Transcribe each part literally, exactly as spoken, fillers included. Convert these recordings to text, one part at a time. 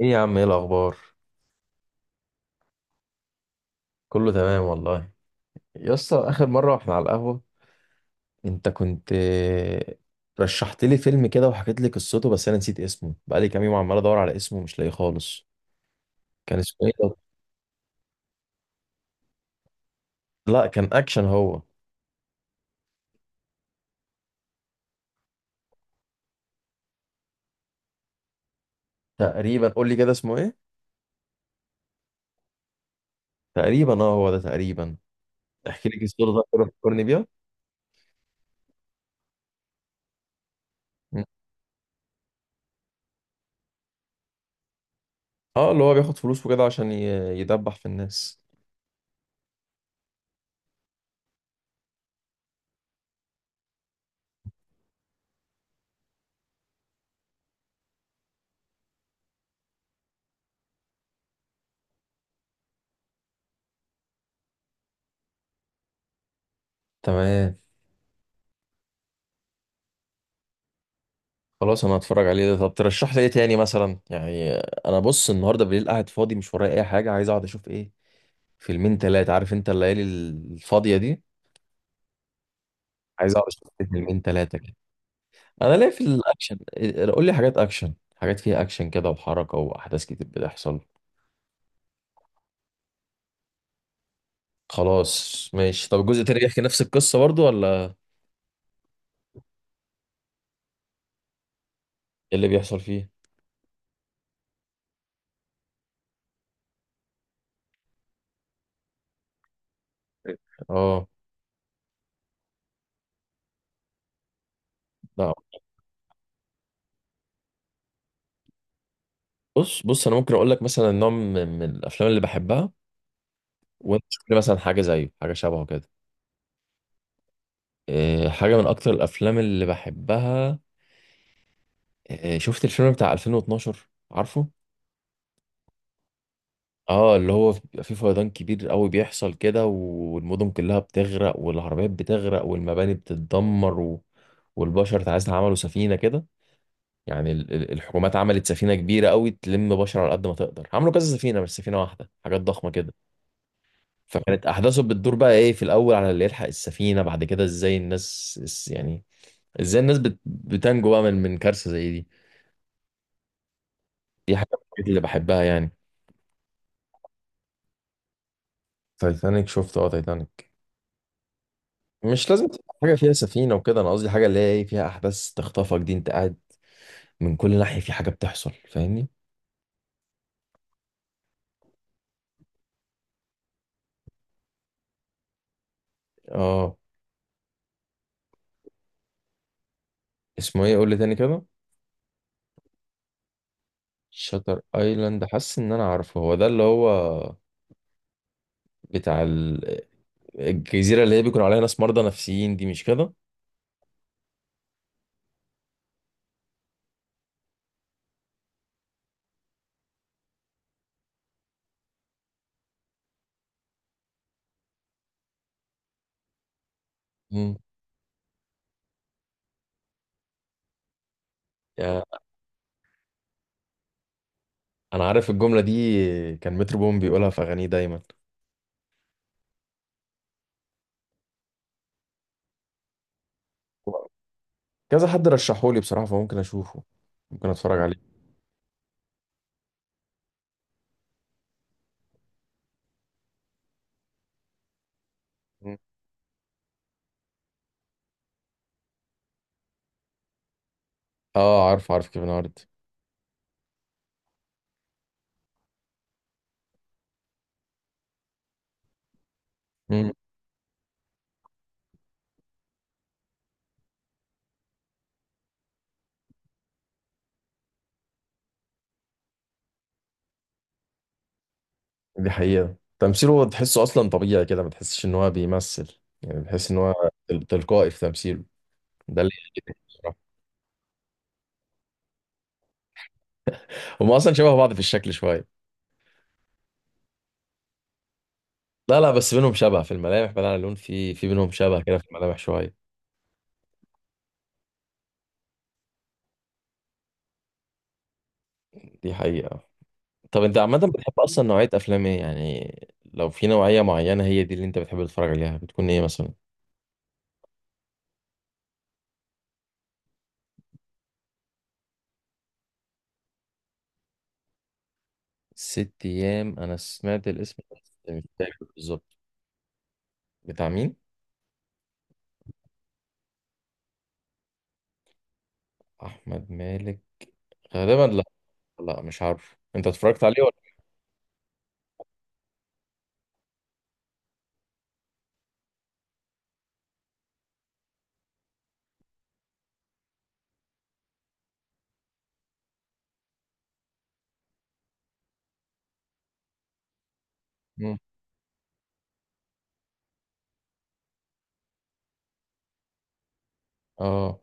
ايه يا عم، ايه الاخبار؟ كله تمام والله. يا اسطى، اخر مره واحنا على القهوه انت كنت آه، رشحت لي فيلم كده وحكيت لي قصته، بس انا نسيت اسمه. بقالي كام يوم عمال ادور على اسمه مش لاقيه خالص. كان اسمه ايه ده؟ لا كان اكشن هو. تقريبا قول لي كده اسمه ايه. تقريبا اه، هو ده تقريبا. احكي لي قصته ده، كده فكرني بيها. مم. اه اللي هو بياخد فلوس وكده عشان ي- يدبح في الناس. تمام. خلاص انا هتفرج عليه ده. طب ترشح لي ايه تاني مثلا يعني. انا بص، النهارده بالليل قاعد فاضي، مش ورايا اي حاجه، عايز اقعد اشوف ايه. فيلمين تلاتة، عارف انت الليالي الفاضيه دي. عايز اقعد اشوف لي فيلمين تلاتة كده. انا ليا في الاكشن إيه- قول لي حاجات اكشن، حاجات فيها اكشن كده وحركه واحداث كتير بتحصل. خلاص ماشي. طب الجزء التاني بيحكي نفس القصه برضو ولا؟ إيه اللي بيحصل فيه؟ اه. لا بص بص، انا ممكن اقول لك مثلا نوع من من الافلام اللي بحبها، وانت شوف لي مثلا حاجه زيه، حاجه شبهه كده. آه، حاجة من أكتر الأفلام اللي بحبها. آه، شفت الفيلم بتاع ألفين واتناشر؟ عارفه؟ اه اللي هو بيبقى فيه فيضان كبير قوي بيحصل كده، والمدن كلها بتغرق والعربيات بتغرق والمباني بتتدمر و... والبشر تعالى عملوا سفينة كده. يعني ال- ال- الحكومات عملت سفينة كبيرة قوي تلم بشر على قد ما تقدر. عملوا كذا سفينة، مش سفينة واحدة، حاجات ضخمة كده. فكانت أحداثه بتدور بقى إيه في الأول على اللي يلحق السفينة. بعد كده إزاي الناس إز- يعني إزاي الناس بت... بتنجو بقى من من كارثة زي دي. دي حاجة من الحاجات اللي بحبها يعني. تايتانيك شفت، اه تايتانيك. مش لازم تبقى حاجة فيها سفينة وكده، أنا قصدي حاجة اللي هي إيه فيها أحداث تخطفك. دي أنت قاعد من كل ناحية في حاجة بتحصل، فاهمني. اه. اسمه إيه؟ قول لي تاني كده. شاتر ايلاند. حاسس ان انا عارفه، هو ده اللي هو بتاع ال- آه، الجزيره اللي هي بيكون عليها ناس مرضى نفسيين دي، مش كده؟ مم. يا- انا عارف الجمله دي. كان مترو بوم بيقولها في اغانيه دايما. كذا حد رشحولي بصراحه، فممكن اشوفه، ممكن اتفرج عليه. مم. اه عارف عارف كيفن هارت. مم. دي حقيقة، تمثيله تحسه أصلا طبيعي كده، ما تحسش إن هو بيمثل، يعني بتحس إن هو تل- تلقائي في تمثيله. ده اللي يعجبني بصراحة. هما أصلا شبه بعض في الشكل شوية. لا لا بس بينهم شبه في الملامح، بعيد عن اللون، في في بينهم شبه كده في الملامح شوية. دي حقيقة. طب أنت عامة بتحب أصلا نوعية أفلام إيه يعني؟ لو في نوعية معينة هي دي اللي أنت بتحب تتفرج عليها، بتكون إيه مثلا؟ ست أيام أنا سمعت الاسم، بس مش فاكر بالظبط. بتاع مين؟ أحمد مالك، غالبا لا. لا مش عارف، أنت اتفرجت عليه؟ مم. اه.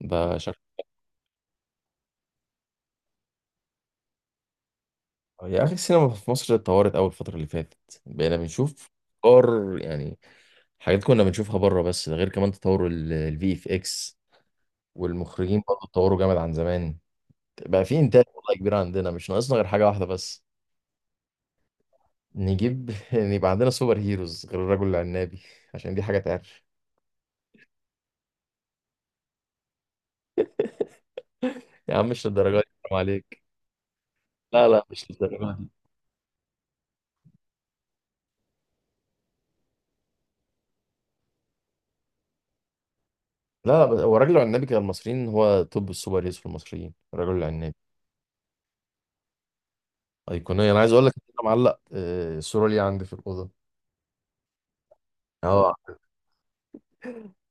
ده شكله. يا اخي السينما في مصر اتطورت قوي الفتره اللي فاتت، بقينا بنشوف افكار يعني، حاجات كنا بنشوفها بره. بس ده غير كمان تطور الفي اف اكس، والمخرجين برضه اتطوروا جامد عن زمان. بقى في انتاج والله كبير عندنا، مش ناقصنا غير حاجه واحده بس. نجيب يبقى عندنا سوبر هيروز غير الرجل العنابي عشان دي حاجه تعرف. يا عم مش للدرجه دي، حرام عليك. لا لا مش للدرجه دي. لا لا بس هو الرجل العنابي كان المصريين، هو توب السوبر هيروز في المصريين الرجل العنابي. ايقونيه. انا عايز اقول لك إن انا معلق آه، الصوره لي عندي في الاوضه. اه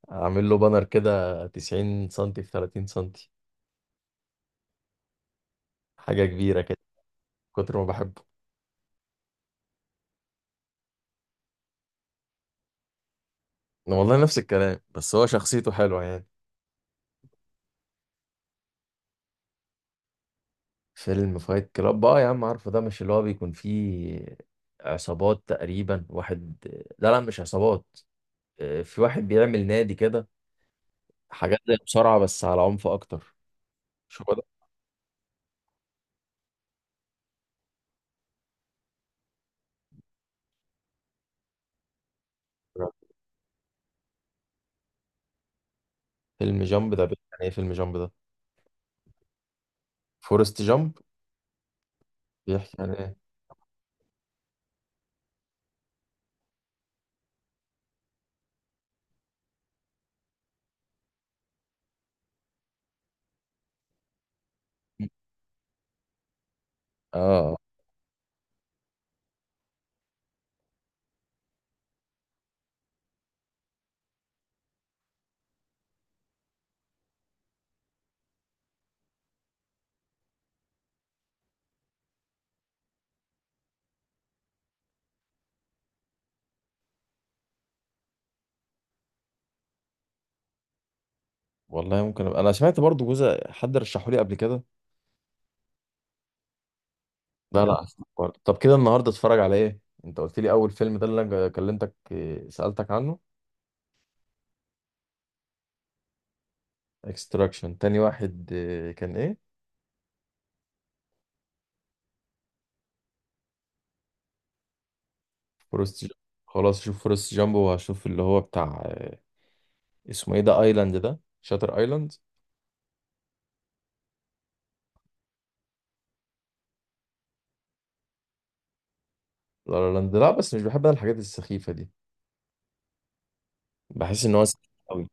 عامل له بانر كده، 90 سنتي في 30 سنتي، حاجه كبيره كده، كتر ما بحبه. أنا والله نفس الكلام، بس هو شخصيته حلوه يعني. فيلم فايت كلاب بقى يا عم، عارفه ده مش اللي هو بيكون فيه عصابات تقريبا، واحد لا لا مش عصابات، آه، في واحد بيعمل نادي كده، حاجات زي مصارعه بس على عنف اكتر. شو ده. فيلم جامب ده بيحكي عن ايه؟ فيلم جامب ده. فورست جامب. بيحكي عن ايه؟ اه والله ممكن أبقى. انا سمعت برضو جزء، حد رشحه لي قبل كده. لا. مم. لا هسمع برضه. طب كده النهارده اتفرج على ايه؟ انت قلت لي اول فيلم ده اللي انا جا- كلمتك إيه، سألتك عنه. اكستراكشن. تاني واحد إيه، كان ايه؟ فورست جامب. خلاص شوف فورست جامب. وهشوف اللي هو بتاع إيه، اسمه ايه ده، ايلاند ده شاتر ايلاند. لا لا لاند، لا بس مش بحب انا الحاجات السخيفة دي. بحس ان هو سخيف قوي.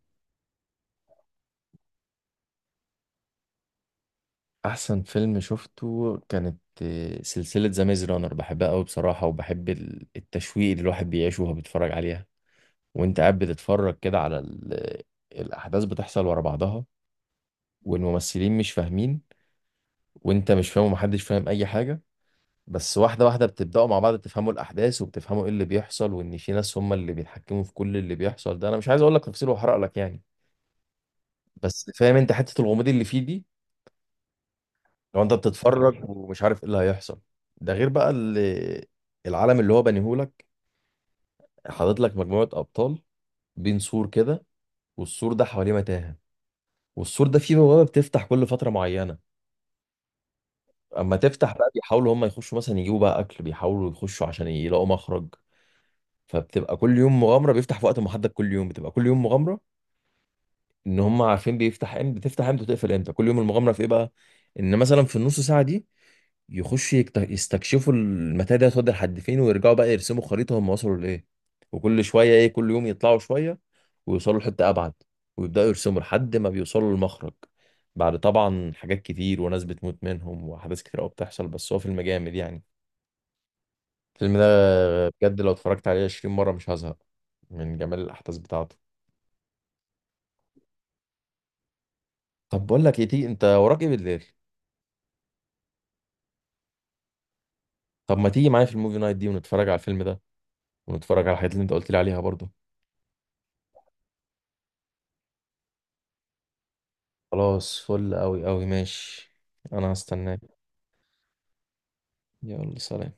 احسن فيلم شفته كانت إيه، سلسلة ذا ميز رانر، بحبها قوي بصراحة. وبحب ال- التشويق اللي الواحد بيعيشه وهو بيتفرج عليها. وانت قاعد بتتفرج كده على ال... الاحداث بتحصل ورا بعضها، والممثلين مش فاهمين وانت مش فاهم ومحدش فاهم اي حاجه. بس واحده واحده بتبداوا مع بعض تفهموا الاحداث، وبتفهموا ايه اللي بيحصل، وان في ناس هم اللي بيتحكموا في كل اللي بيحصل ده. انا مش عايز اقول لك تفاصيل واحرق لك يعني. بس فاهم انت حته الغموض اللي فيه دي، لو انت بتتفرج ومش عارف ايه اللي هيحصل. ده غير بقى اللي العالم اللي هو بنيهولك، حاطط لك مجموعه ابطال بين سور كده، والسور ده حواليه متاهه، والسور ده فيه بوابه بتفتح كل فتره معينه. اما تفتح بقى بيحاولوا هم يخشوا مثلا يجيبوا بقى اكل، بيحاولوا يخشوا عشان يلاقوا مخرج. فبتبقى كل يوم مغامره، بيفتح في وقت محدد كل يوم، بتبقى كل يوم مغامره. ان هم عارفين بيفتح امتى، بتفتح امتى وتقفل امتى، كل يوم المغامره في ايه بقى. ان مثلا في النص ساعه دي يخش يكت- يستكشفوا المتاهه دي هتودي لحد فين، ويرجعوا بقى يرسموا خريطه هم وصلوا لايه. وكل شويه ايه، كل يوم يطلعوا شويه ويوصلوا لحته ابعد، ويبداوا يرسموا لحد ما بيوصلوا للمخرج. بعد طبعا حاجات كتير وناس بتموت منهم واحداث كتير قوي بتحصل. بس هو فيلم جامد يعني، الفيلم ده. بجد لو اتفرجت عليه 20 مرة مش هزهق من جمال الأحداث بتاعته. طب بقول لك ايه، تيجي انت وراك ايه بالليل؟ طب ما تيجي معايا في الموفي نايت دي ونتفرج على الفيلم ده، ونتفرج على الحاجات اللي انت قلت لي عليها برضو. خلاص فل قوي قوي ماشي. انا هستناك. يلا سلام.